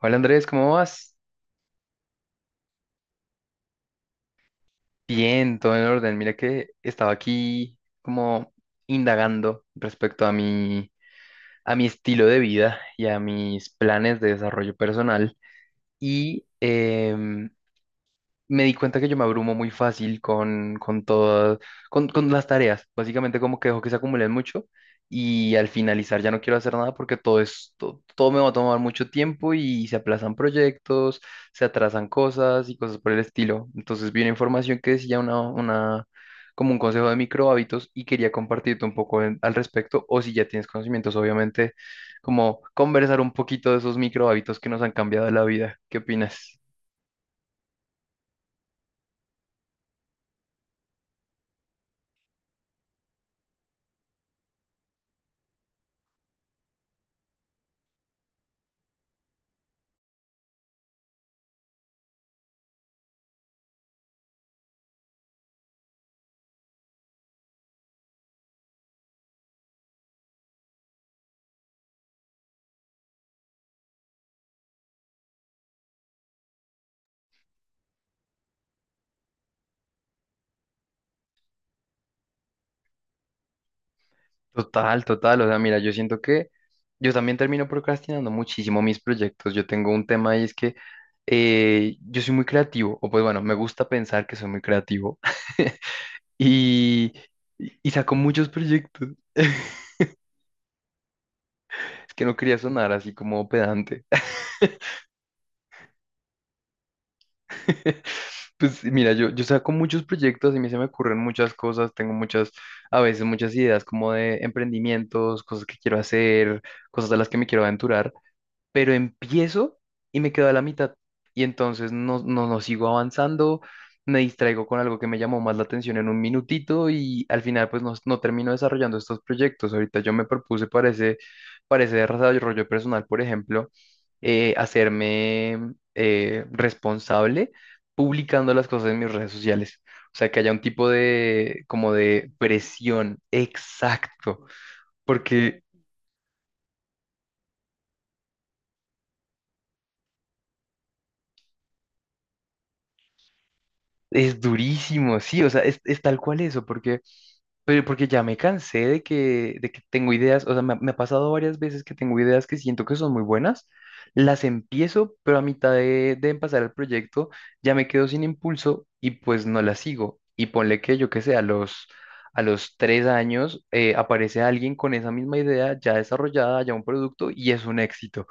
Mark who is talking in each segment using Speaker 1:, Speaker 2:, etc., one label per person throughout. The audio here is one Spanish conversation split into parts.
Speaker 1: Hola Andrés, ¿cómo vas? Bien, todo en orden. Mira que estaba aquí como indagando respecto a mi estilo de vida y a mis planes de desarrollo personal. Y me di cuenta que yo me abrumo muy fácil con todas, con las tareas. Básicamente como que dejo que se acumulen mucho y al finalizar ya no quiero hacer nada porque todo es, todo, me va a tomar mucho tiempo y se aplazan proyectos, se atrasan cosas y cosas por el estilo. Entonces vi una información que decía una, como un consejo de micro hábitos y quería compartirte un poco al respecto o si ya tienes conocimientos, obviamente, como conversar un poquito de esos micro hábitos que nos han cambiado la vida. ¿Qué opinas? Total, total. O sea, mira, yo siento que yo también termino procrastinando muchísimo mis proyectos. Yo tengo un tema y es que yo soy muy creativo, o pues bueno, me gusta pensar que soy muy creativo y, y saco muchos proyectos. Es que no quería sonar así como pedante. Pues mira, yo saco muchos proyectos y a mí se me ocurren muchas cosas, tengo muchas, a veces muchas ideas como de emprendimientos, cosas que quiero hacer, cosas a las que me quiero aventurar. Pero empiezo y me quedo a la mitad. Y entonces no sigo avanzando, me distraigo con algo que me llamó más la atención en un minutito y al final pues no termino desarrollando estos proyectos. Ahorita yo me propuse para ese desarrollo personal, por ejemplo, hacerme responsable publicando las cosas en mis redes sociales. O sea, que haya un tipo de, como de presión, exacto, porque es durísimo, sí, o sea, es tal cual eso, porque pero porque ya me cansé de que tengo ideas, o sea, me ha pasado varias veces que tengo ideas que siento que son muy buenas, las empiezo, pero a mitad de empezar el proyecto ya me quedo sin impulso y pues no las sigo. Y ponle que yo que sé, a los 3 años aparece alguien con esa misma idea ya desarrollada, ya un producto y es un éxito.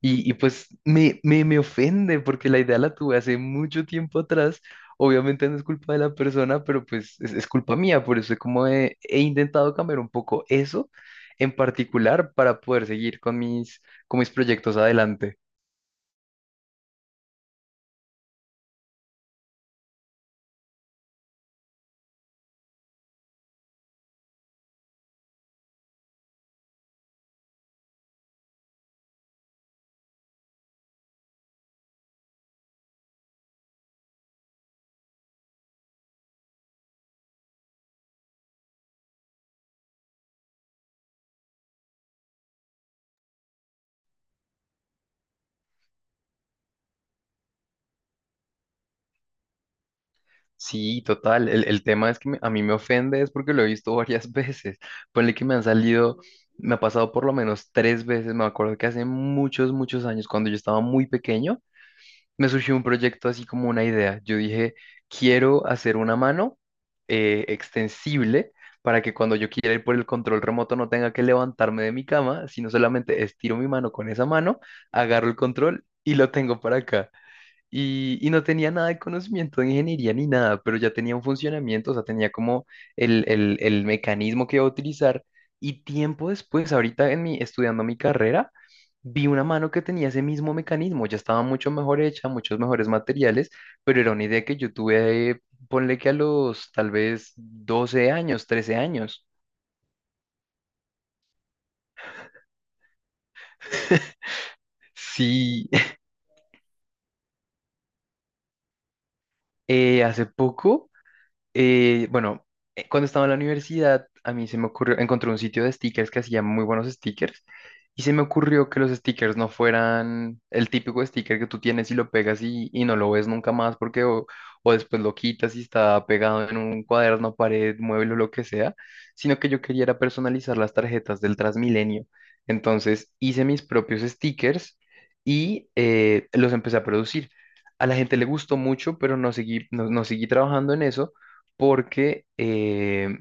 Speaker 1: Y pues me ofende porque la idea la tuve hace mucho tiempo atrás. Obviamente no es culpa de la persona, pero pues es culpa mía. Por eso es como he intentado cambiar un poco eso en particular para poder seguir con mis proyectos adelante. Sí, total. El tema es que a mí me ofende es porque lo he visto varias veces. Ponle que me han salido, me ha pasado por lo menos 3 veces. Me acuerdo que hace muchos, muchos años, cuando yo estaba muy pequeño me surgió un proyecto así como una idea. Yo dije, quiero hacer una mano extensible para que cuando yo quiera ir por el control remoto no tenga que levantarme de mi cama, sino solamente estiro mi mano con esa mano, agarro el control y lo tengo para acá y no tenía nada de conocimiento de ingeniería ni nada, pero ya tenía un funcionamiento, o sea, tenía como el mecanismo que iba a utilizar. Y tiempo después, ahorita estudiando mi carrera, vi una mano que tenía ese mismo mecanismo, ya estaba mucho mejor hecha, muchos mejores materiales, pero era una idea que yo tuve, ponle que a los tal vez 12 años, 13 años. Sí, hace poco. Bueno, cuando estaba en la universidad, a mí se me ocurrió, encontré un sitio de stickers que hacía muy buenos stickers y se me ocurrió que los stickers no fueran el típico sticker que tú tienes y lo pegas y no lo ves nunca más porque o después lo quitas y está pegado en un cuaderno, pared, mueble o lo que sea, sino que yo quería era personalizar las tarjetas del Transmilenio. Entonces hice mis propios stickers y los empecé a producir. A la gente le gustó mucho, pero no seguí trabajando en eso porque, eh,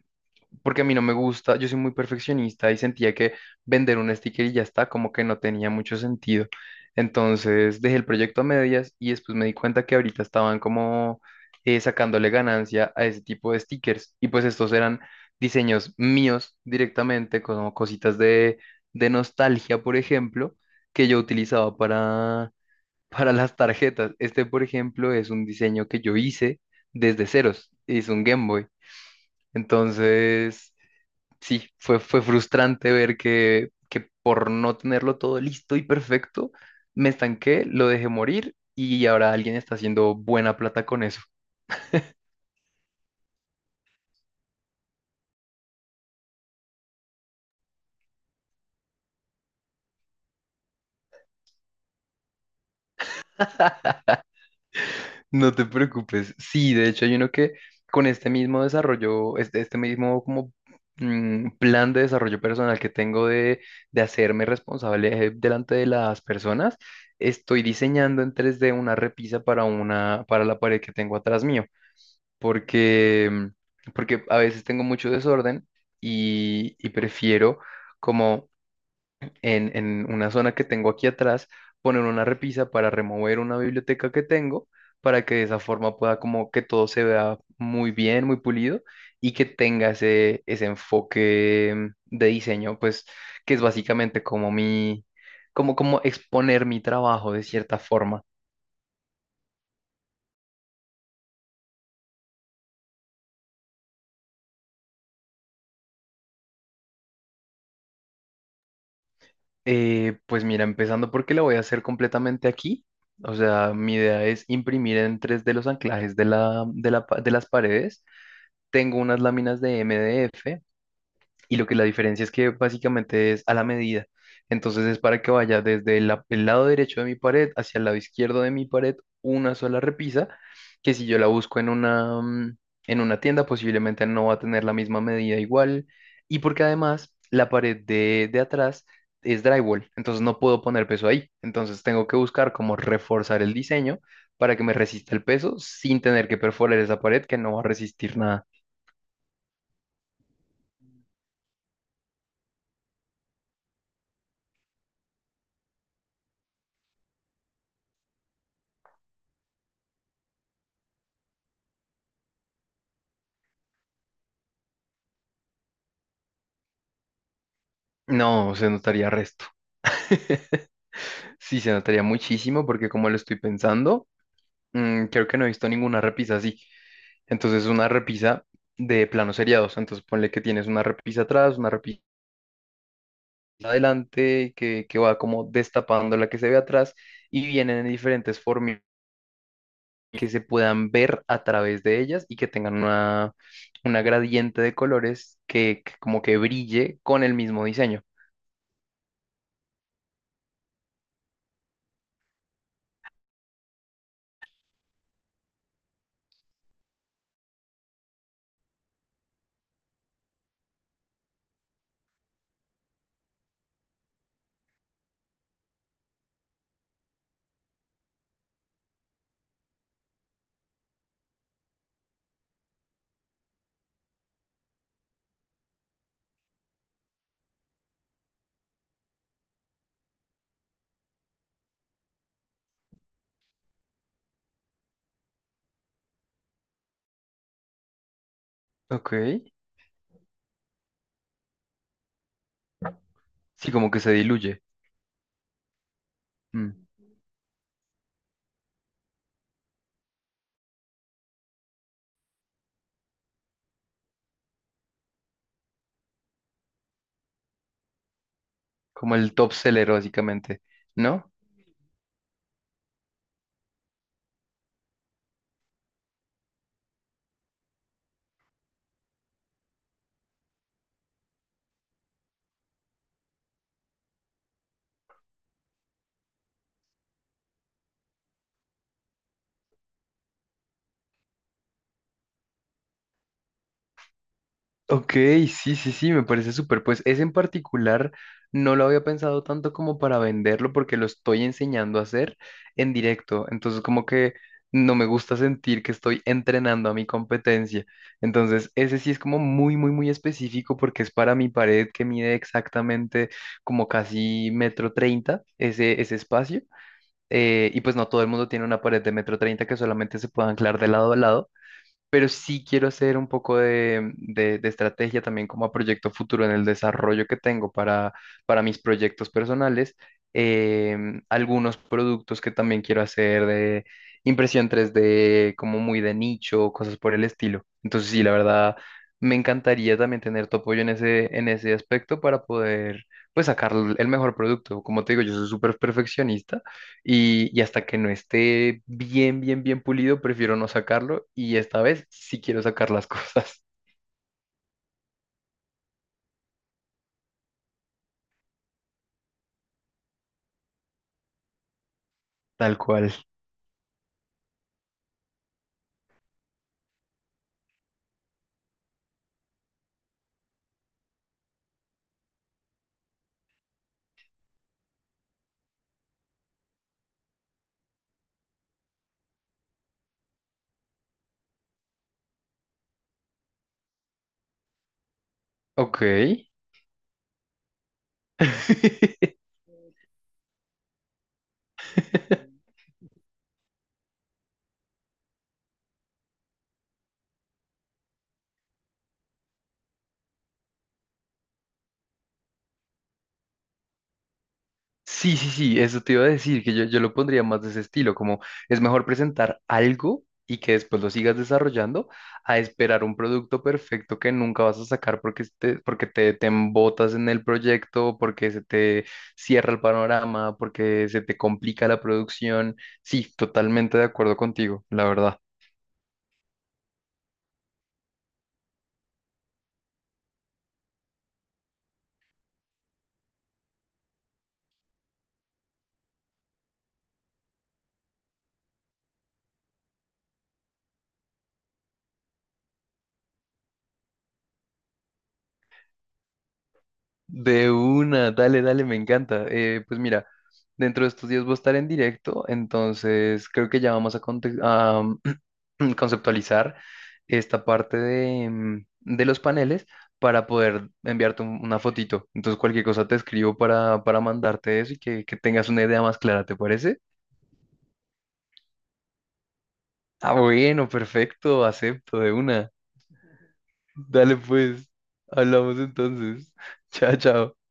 Speaker 1: porque a mí no me gusta, yo soy muy perfeccionista y sentía que vender un sticker y ya está, como que no tenía mucho sentido. Entonces dejé el proyecto a medias y después me di cuenta que ahorita estaban como sacándole ganancia a ese tipo de stickers y pues estos eran diseños míos directamente, como cositas de nostalgia, por ejemplo, que yo utilizaba para, para las tarjetas. Este, por ejemplo, es un diseño que yo hice desde ceros, es un Game Boy. Entonces, sí, fue frustrante ver que por no tenerlo todo listo y perfecto, me estanqué, lo dejé morir y ahora alguien está haciendo buena plata con eso. No te preocupes. Sí, de hecho hay uno que con este mismo desarrollo, este mismo como plan de desarrollo personal que tengo de hacerme responsable delante de las personas, estoy diseñando en 3D una repisa para la pared que tengo atrás mío. porque, porque a veces tengo mucho desorden y prefiero como en una zona que tengo aquí atrás poner una repisa para remover una biblioteca que tengo para que de esa forma pueda como que todo se vea muy bien, muy pulido y que tenga ese enfoque de diseño, pues que es básicamente como como exponer mi trabajo de cierta forma. Pues mira, empezando porque la voy a hacer completamente aquí. O sea, mi idea es imprimir en 3D los anclajes de de las paredes. Tengo unas láminas de MDF y lo que la diferencia es que básicamente es a la medida. Entonces es para que vaya desde el lado derecho de mi pared hacia el lado izquierdo de mi pared una sola repisa, que si yo la busco en una tienda posiblemente no va a tener la misma medida igual. Y porque además la pared de atrás es drywall, entonces no puedo poner peso ahí. Entonces tengo que buscar cómo reforzar el diseño para que me resista el peso sin tener que perforar esa pared que no va a resistir nada. No, se notaría resto. Sí, se notaría muchísimo porque como lo estoy pensando, creo que no he visto ninguna repisa así. Entonces una repisa de planos seriados. Entonces ponle que tienes una repisa atrás, una repisa adelante, que va como destapando la que se ve atrás y vienen en diferentes formas que se puedan ver a través de ellas y que tengan una gradiente de colores que como que brille con el mismo diseño. Ok. Sí, como que se diluye. Mm. Como el top seller, básicamente, ¿no? Ok, sí, sí, sí, me parece súper. Pues ese en particular no lo había pensado tanto como para venderlo porque lo estoy enseñando a hacer en directo. Entonces, como que no me gusta sentir que estoy entrenando a mi competencia. Entonces, ese sí es como muy, muy, muy específico porque es para mi pared que mide exactamente como casi metro treinta ese espacio. Y pues no todo el mundo tiene una pared de metro treinta que solamente se puede anclar de lado a lado. Pero sí quiero hacer un poco de estrategia también como a proyecto futuro en el desarrollo que tengo para mis proyectos personales. Algunos productos que también quiero hacer de impresión 3D, como muy de nicho, cosas por el estilo. Entonces, sí, la verdad, me encantaría también tener tu apoyo en ese aspecto para poder, pues, sacar el mejor producto. Como te digo, yo soy súper perfeccionista y hasta que no esté bien, bien, bien pulido, prefiero no sacarlo. Y esta vez sí quiero sacar las cosas tal cual. Ok. Sí, sí, sí, eso te iba a decir, que yo lo pondría más de ese estilo, como es mejor presentar algo y que después lo sigas desarrollando a esperar un producto perfecto que nunca vas a sacar porque te embotas en el proyecto, porque se te cierra el panorama, porque se te complica la producción. Sí, totalmente de acuerdo contigo, la verdad. De una, dale, dale, me encanta. Pues mira, dentro de estos días voy a estar en directo, entonces creo que ya vamos a conceptualizar esta parte de los paneles para poder enviarte una fotito. Entonces cualquier cosa te escribo para mandarte eso y que tengas una idea más clara, ¿te parece? Ah, bueno, perfecto, acepto de una. Dale pues, hablamos entonces. Chao, chao.